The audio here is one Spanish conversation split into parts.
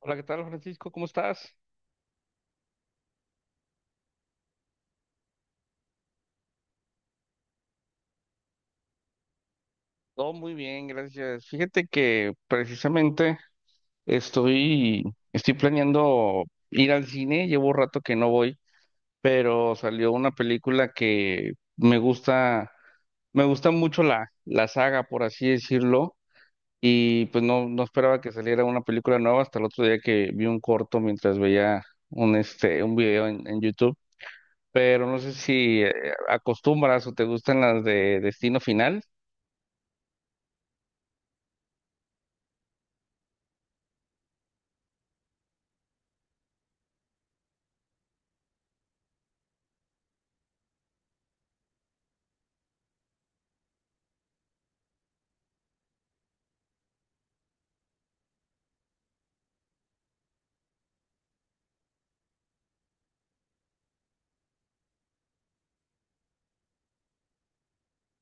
Hola, ¿qué tal, Francisco? ¿Cómo estás? Todo muy bien, gracias. Fíjate que precisamente estoy, estoy planeando ir al cine, llevo rato que no voy, pero salió una película que me gusta mucho la saga, por así decirlo, y pues no esperaba que saliera una película nueva hasta el otro día que vi un corto mientras veía un video en YouTube, pero no sé si acostumbras o te gustan las de Destino Final.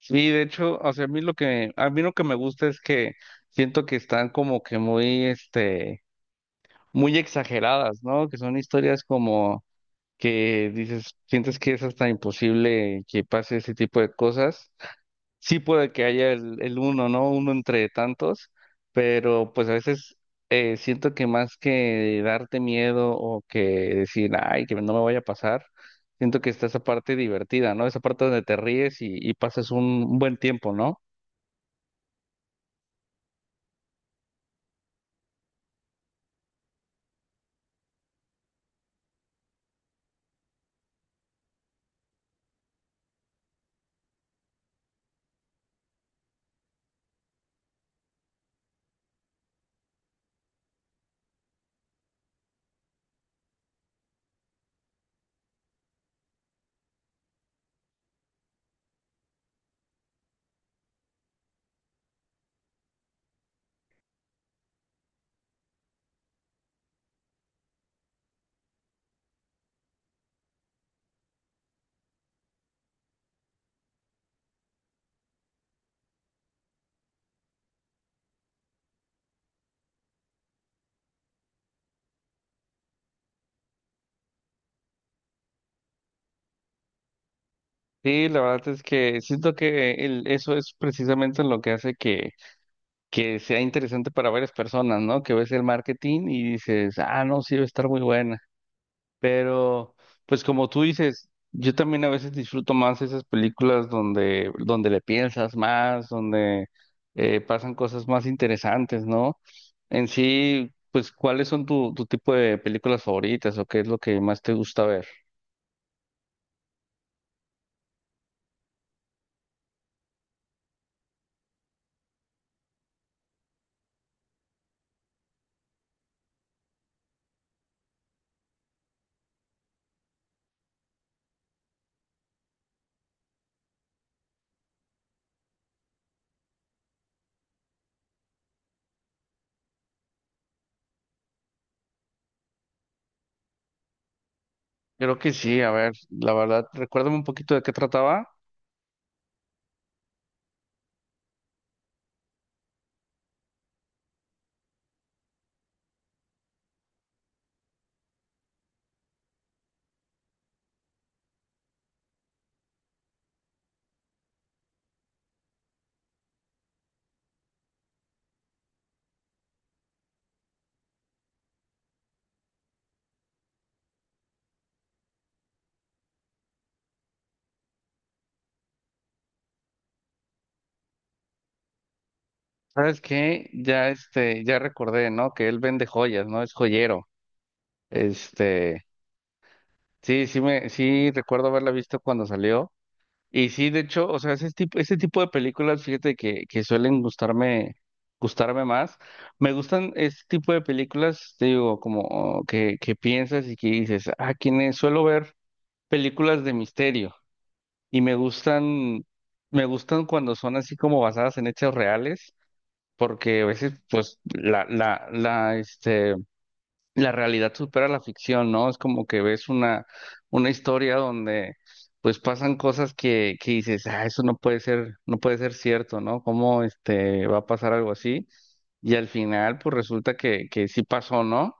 Sí, de hecho, o sea, a mí lo que me gusta es que siento que están como que muy muy exageradas, ¿no? Que son historias como que dices, sientes que es hasta imposible que pase ese tipo de cosas. Sí puede que haya el uno, ¿no? Uno entre tantos, pero pues a veces siento que más que darte miedo o que decir, ay, que no me vaya a pasar, siento que está esa parte divertida, ¿no? Esa parte donde te ríes y pasas un buen tiempo, ¿no? Sí, la verdad es que siento que eso es precisamente lo que hace que sea interesante para varias personas, ¿no? Que ves el marketing y dices, ah, no, sí, va a estar muy buena. Pero, pues como tú dices, yo también a veces disfruto más esas películas donde, donde le piensas más, donde pasan cosas más interesantes, ¿no? En sí, pues, ¿cuáles son tu tipo de películas favoritas o qué es lo que más te gusta ver? Creo que sí, a ver, la verdad, recuérdame un poquito de qué trataba. ¿Sabes qué? Ya este, ya recordé, ¿no? Que él vende joyas, ¿no? Es joyero. Este, sí, sí recuerdo haberla visto cuando salió. Y sí, de hecho, o sea, ese tipo de películas, fíjate que suelen gustarme más. Me gustan ese tipo de películas, te digo, como oh, que piensas y que dices, ah, quienes suelo ver películas de misterio. Y me gustan cuando son así como basadas en hechos reales porque a veces pues la la realidad supera la ficción, ¿no? Es como que ves una historia donde pues pasan cosas que dices, ah, eso no puede ser, no puede ser cierto, ¿no? ¿Cómo este va a pasar algo así? Y al final pues resulta que sí pasó, ¿no?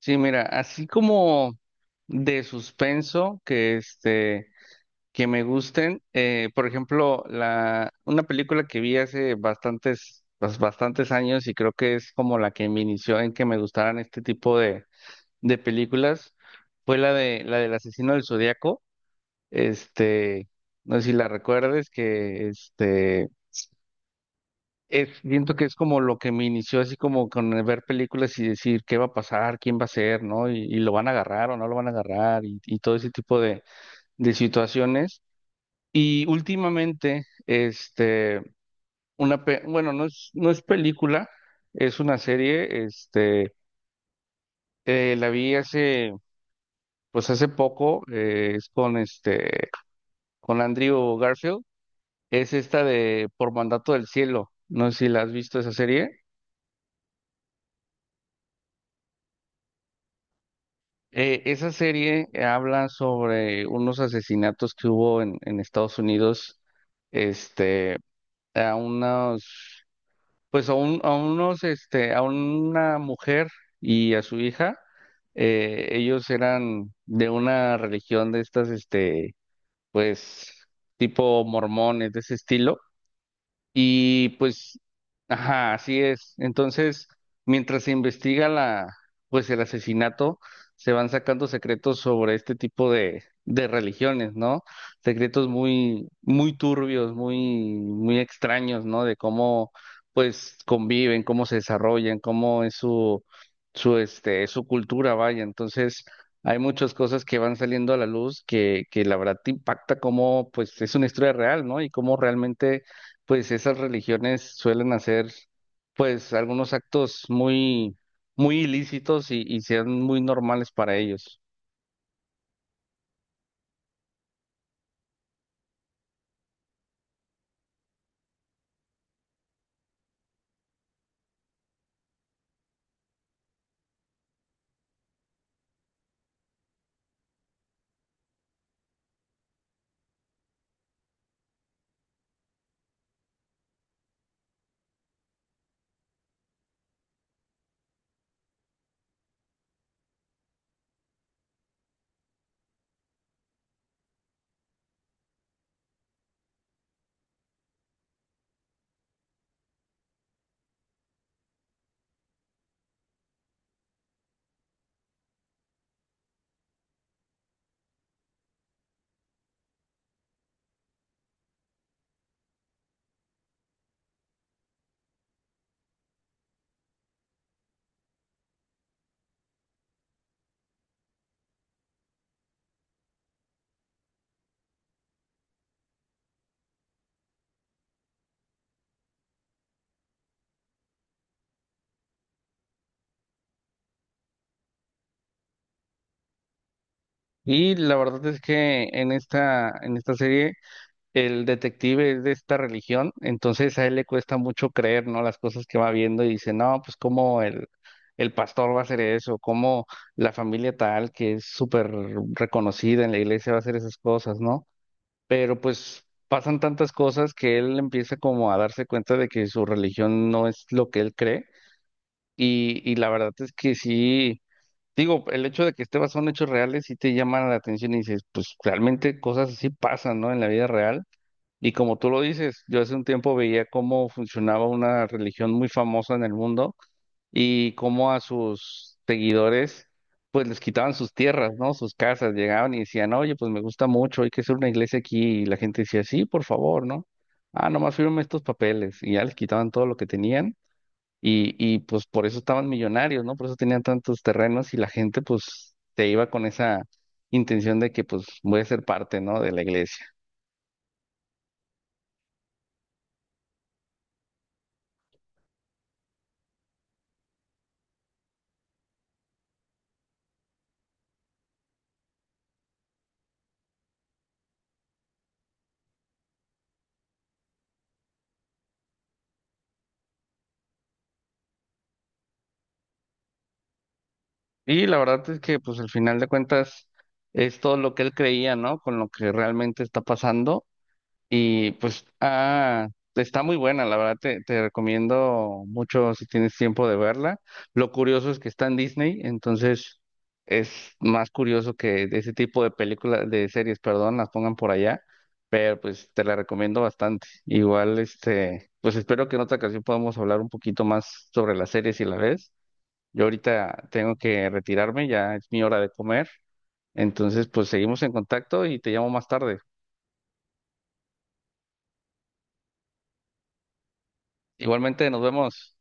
Sí, mira, así como de suspenso que me gusten. Por ejemplo, una película que vi hace bastantes años y creo que es como la que me inició en que me gustaran este tipo de películas fue la de la del asesino del Zodíaco. Este, no sé si la recuerdes, que este es, siento que es como lo que me inició así como con el ver películas y decir qué va a pasar, quién va a ser, ¿no? Y lo van a agarrar o no lo van a agarrar y todo ese tipo de situaciones. Y últimamente, este, una, bueno, no es película, es una serie, este, la vi hace, pues hace poco, es con este, con Andrew Garfield, es esta de Por Mandato del Cielo, no sé si la has visto esa serie. Esa serie habla sobre unos asesinatos que hubo en Estados Unidos, este, a unos. Pues a unos, este, a una mujer y a su hija, ellos eran de una religión de estas, este, pues, tipo mormones, de ese estilo. Y pues, ajá, así es. Entonces, mientras se investiga la, pues el asesinato, se van sacando secretos sobre este tipo de religiones, ¿no? Secretos muy, muy turbios, muy, muy extraños, ¿no? De cómo, pues, conviven, cómo se desarrollan, cómo es su, su, este, su cultura, vaya. Entonces, hay muchas cosas que van saliendo a la luz que la verdad te impacta cómo, pues, es una historia real, ¿no? Y cómo realmente pues esas religiones suelen hacer pues algunos actos muy, muy ilícitos y sean muy normales para ellos. Y la verdad es que en esta serie el detective es de esta religión, entonces a él le cuesta mucho creer, ¿no? Las cosas que va viendo y dice, no, pues cómo el pastor va a hacer eso, cómo la familia tal, que es súper reconocida en la iglesia, va a hacer esas cosas, ¿no? Pero pues pasan tantas cosas que él empieza como a darse cuenta de que su religión no es lo que él cree y la verdad es que sí, digo, el hecho de que esté basado en hechos reales sí te llama la atención y dices, pues realmente cosas así pasan, ¿no? En la vida real. Y como tú lo dices, yo hace un tiempo veía cómo funcionaba una religión muy famosa en el mundo y cómo a sus seguidores pues les quitaban sus tierras, ¿no? Sus casas, llegaban y decían, oye, pues me gusta mucho, hay que hacer una iglesia aquí, y la gente decía, sí, por favor, ¿no? Ah, nomás firme estos papeles, y ya les quitaban todo lo que tenían, y pues por eso estaban millonarios, ¿no? Por eso tenían tantos terrenos, y la gente pues se iba con esa intención de que pues voy a ser parte, ¿no? De la iglesia. Y la verdad es que pues al final de cuentas es todo lo que él creía, ¿no? Con lo que realmente está pasando. Y pues, ah, está muy buena, la verdad te recomiendo mucho si tienes tiempo de verla. Lo curioso es que está en Disney, entonces es más curioso que de ese tipo de películas, de series, perdón, las pongan por allá, pero pues te la recomiendo bastante. Igual, este, pues espero que en otra ocasión podamos hablar un poquito más sobre las series si la ves. Yo ahorita tengo que retirarme, ya es mi hora de comer, entonces pues seguimos en contacto y te llamo más tarde. Igualmente, nos vemos.